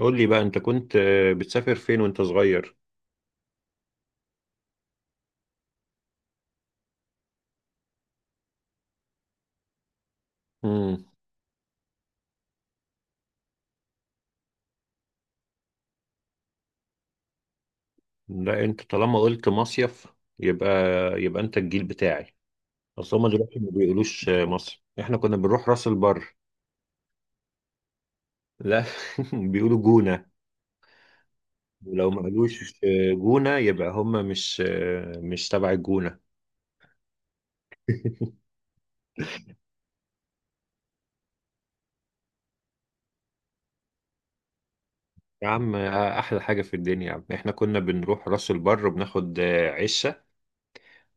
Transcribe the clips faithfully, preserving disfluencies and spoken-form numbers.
قول لي بقى انت كنت آه، بتسافر فين وانت صغير؟ امم. لا، انت طالما قلت مصيف، يبقى يبقى انت الجيل بتاعي. اصل هما دلوقتي ما بيقولوش آه، مصر، احنا كنا بنروح راس البر. لا. بيقولوا جونة. ولو ما قالوش آه، جونة، يبقى هما مش آه، مش تبع الجونة. يا عم، آه، احلى حاجة في الدنيا يا عم، احنا كنا بنروح راس البر وبناخد آه، عشة،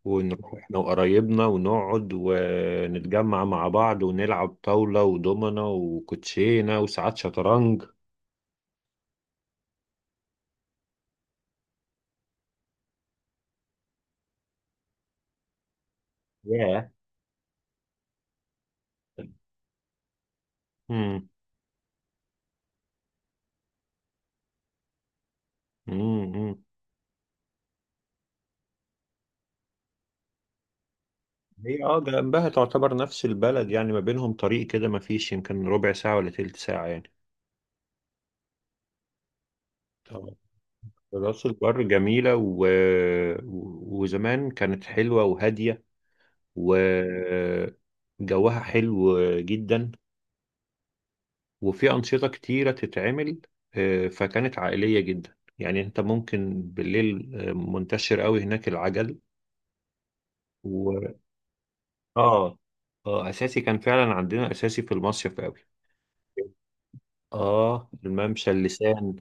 ونروح احنا وقرايبنا ونقعد ونتجمع مع بعض ونلعب طاولة ودومنة وكوتشينة وساعات شطرنج. ياه. امم. امم. هي اه جنبها تعتبر نفس البلد يعني، ما بينهم طريق كده، ما فيش يمكن ربع ساعة ولا تلت ساعة يعني. طبعا. راس البر جميلة و... و- وزمان كانت حلوة وهادية، وجوها حلو جدا، وفي أنشطة كتيرة تتعمل. آه، فكانت عائلية جدا، يعني أنت ممكن بالليل آه، منتشر قوي هناك العجل و... آه آه أساسي، كان فعلا عندنا أساسي في المصيف قوي. آه الممشى، اللسان.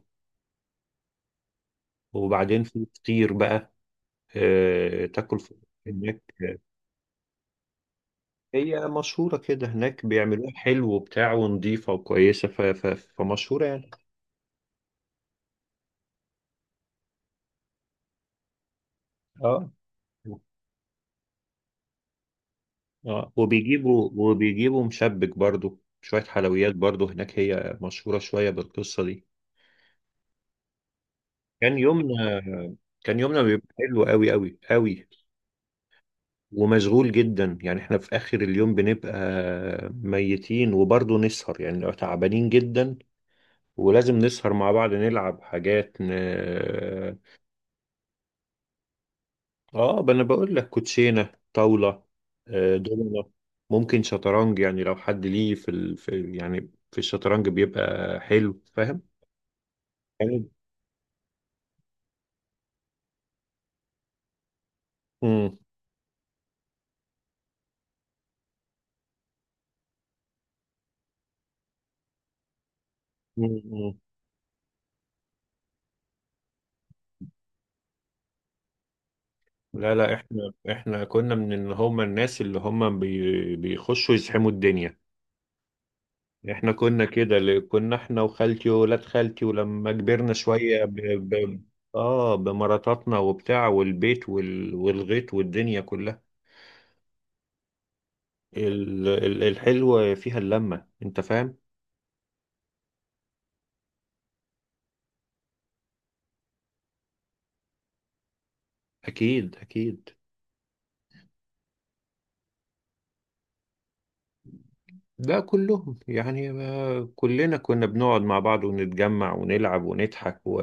وبعدين في فطير بقى، آه، تاكل فطير هناك. هي مشهورة كده هناك، بيعملوها حلو وبتاع ونضيفة وكويسة، ف... ف... فمشهورة يعني. آه اه وبيجيبوا وبيجيبوا مشبك برضو، شوية حلويات برضو هناك، هي مشهورة شوية بالقصة دي. كان يومنا كان يومنا بيبقى حلو قوي قوي قوي، ومشغول جدا. يعني احنا في آخر اليوم بنبقى ميتين، وبرضو نسهر، يعني لو تعبانين جدا، ولازم نسهر مع بعض، نلعب حاجات ن... اه ب- انا بقول لك، كوتشينة، طاولة، آه، دومنة، ممكن شطرنج، يعني لو حد ليه في, ال... في، يعني في الشطرنج بيبقى حلو، فاهم؟ جامد. مم. مم. مم. لا لا، احنا احنا كنا من اللي هم الناس اللي هم بي... بيخشوا يزحموا الدنيا. احنا كنا كده، اللي كنا احنا وخالتي وولاد خالتي، ولما كبرنا شوية ب... ب... اه بمراتاتنا وبتاع والبيت وال... والغيط والدنيا كلها. ال... ال... الحلوة فيها اللمة، انت فاهم؟ اكيد اكيد. ده كلهم، يعني ما كلنا كنا بنقعد مع بعض ونتجمع ونلعب ونضحك و...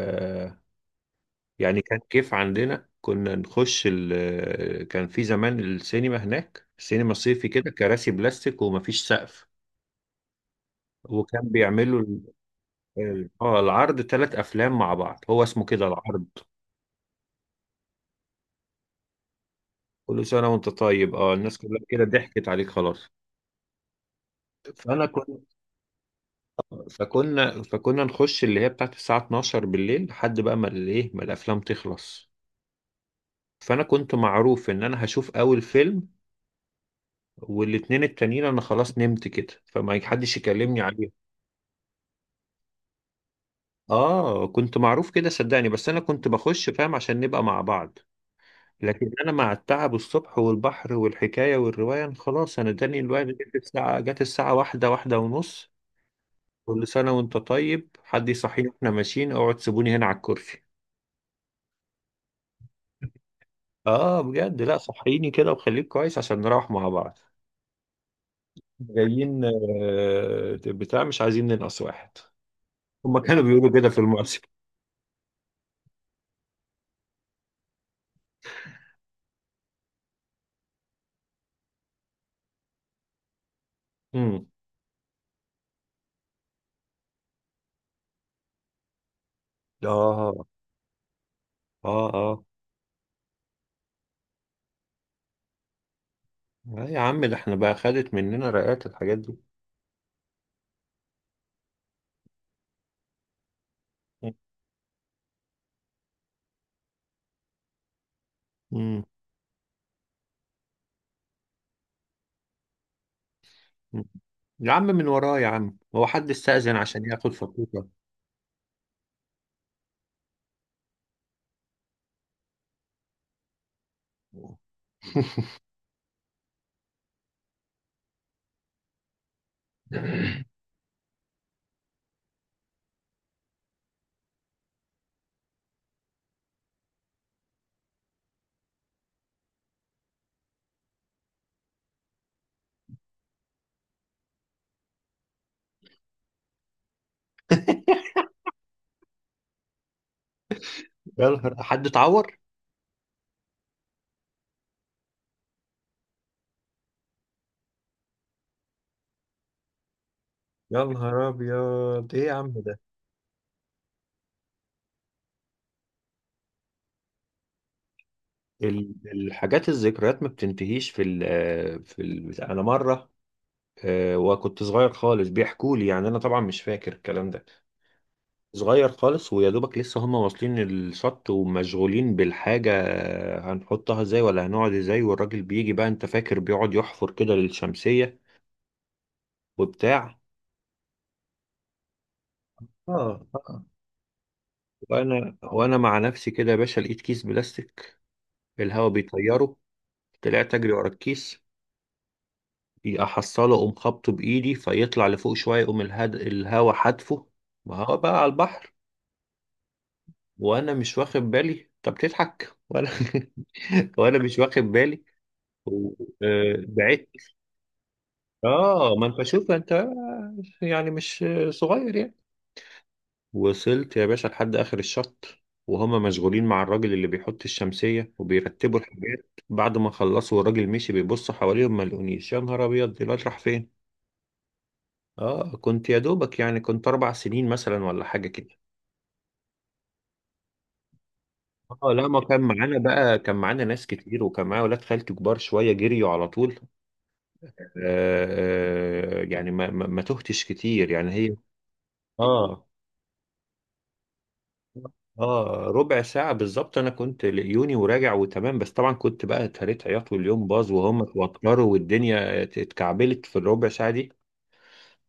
يعني كان كيف عندنا، كنا نخش ال كان في زمان السينما هناك، السينما صيفي كده، كراسي بلاستيك ومفيش سقف، وكان بيعملوا ال- ال- اه العرض ثلاث افلام مع بعض، هو اسمه كده العرض. كل سنه وانت طيب. اه الناس كلها كده ضحكت عليك خلاص. فانا كنت فكنا فكنا نخش اللي هي بتاعت الساعه اتناشر بالليل، لحد بقى ما الايه ما الافلام تخلص. فانا كنت معروف ان انا هشوف اول فيلم، والاتنين التانيين انا خلاص نمت كده، فما حدش يكلمني عليه. اه كنت معروف كده، صدقني، بس انا كنت بخش، فاهم، عشان نبقى مع بعض. لكن انا مع التعب الصبح والبحر والحكايه والروايه، أنا خلاص، انا اداني الوقت، جت الساعه جت الساعه واحده واحده ونص. كل سنه وانت طيب، حد يصحيني واحنا ماشيين، اقعد، سيبوني هنا على الكرسي. اه بجد، لا صحيني كده وخليك كويس عشان نروح مع بعض. جايين، آه، بتاع، مش عايزين ننقص واحد. هما كانوا بيقولوا كده في المؤسسة. امم. اه. اه. اه. آه يا عم، ده احنا بقى خدت مننا رقات الحاجات دي. مم. مم. يا عم، من وراه يا عم، هو حد استأذن عشان ياخد فطوطة؟ يا نهار حد اتعور. يا نهار ابيض، ايه يا عم ده. ال- الحاجات، الذكريات ما بتنتهيش في ال في ال بتاع. انا مره، آه، وكنت صغير خالص، بيحكوا لي يعني، انا طبعا مش فاكر الكلام ده. صغير خالص، ويا دوبك لسه هم واصلين الشط ومشغولين بالحاجه، آه، هنحطها ازاي ولا هنقعد ازاي، والراجل بيجي بقى انت فاكر، بيقعد يحفر كده للشمسيه وبتاع. اه اه وانا وانا مع نفسي كده يا باشا، لقيت كيس بلاستيك، الهوا بيطيره. طلعت اجري ورا الكيس، احصله، اقوم خبطه بايدي فيطلع لفوق شويه، يقوم الهد... الهوا حدفه، ما هو بقى على البحر، وانا مش واخد بالي. طب تضحك وانا وانا مش واخد بالي و... آه، بعدت. اه ما انت شوف انت، يعني مش صغير يعني. وصلت يا باشا لحد آخر الشط، وهما مشغولين مع الراجل اللي بيحط الشمسية وبيرتبوا الحاجات، بعد ما خلصوا والراجل مشي بيبص حواليهم ما لقونيش. يا نهار أبيض، دلوقتي راح فين؟ آه كنت يا دوبك يعني، كنت أربع سنين مثلا ولا حاجة كده. آه لا، ما كان معانا بقى، كان معانا ناس كتير، وكان معايا ولاد خالتي كبار شوية، جريوا على طول. آه آه يعني ما, ما, ما تهتش كتير يعني هي. آه اه ربع ساعة بالظبط انا كنت لقيوني، وراجع وتمام، بس طبعا كنت بقى اتهريت عياط، واليوم باظ وهم اتوتروا والدنيا اتكعبلت في الربع ساعة دي.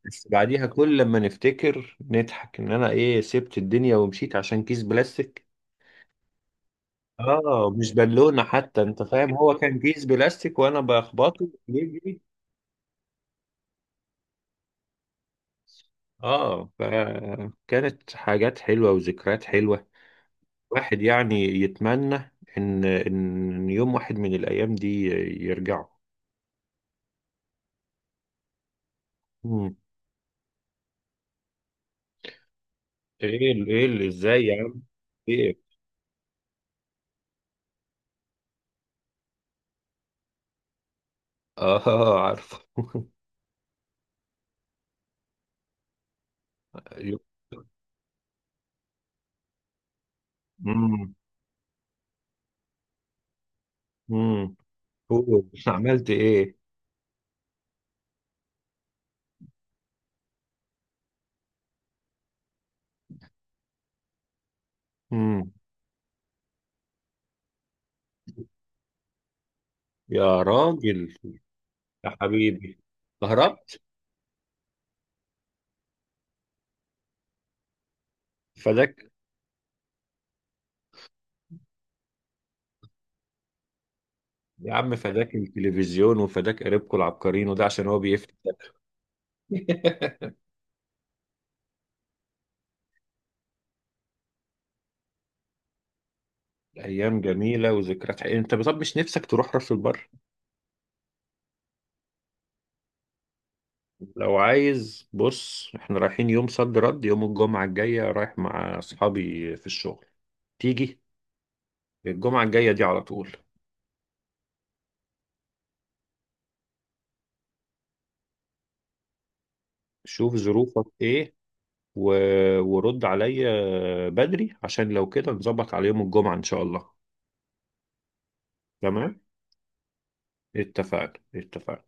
بس بعديها كل لما نفتكر نضحك ان انا ايه، سبت الدنيا ومشيت عشان كيس بلاستيك. اه مش بالونة حتى، انت فاهم، هو كان كيس بلاستيك وانا بخبطه يجري. اه فكانت حاجات حلوة وذكريات حلوة. واحد يعني يتمنى ان ان يوم واحد من الايام دي يرجعوا. مم. ايه ال- ايه اللي ازاي يا عم. ايه. اه عارفه. امم. امم. قول عملت ايه. امم. يا راجل. يا حبيبي. هربت. فداك. يا عم، فداك التلفزيون، وفداك قريبكم العبقرين، وده عشان هو بيفتح. ايام جميله وذكريات حقيقية. انت طب مش نفسك تروح راس البر؟ لو عايز بص، احنا رايحين يوم صد رد يوم الجمعه الجايه، رايح مع اصحابي في الشغل، تيجي؟ الجمعة الجاية دي على طول. شوف ظروفك ايه و... ورد عليا بدري، عشان لو كده نظبط على يوم الجمعة ان شاء الله. تمام. اتفقنا اتفقنا.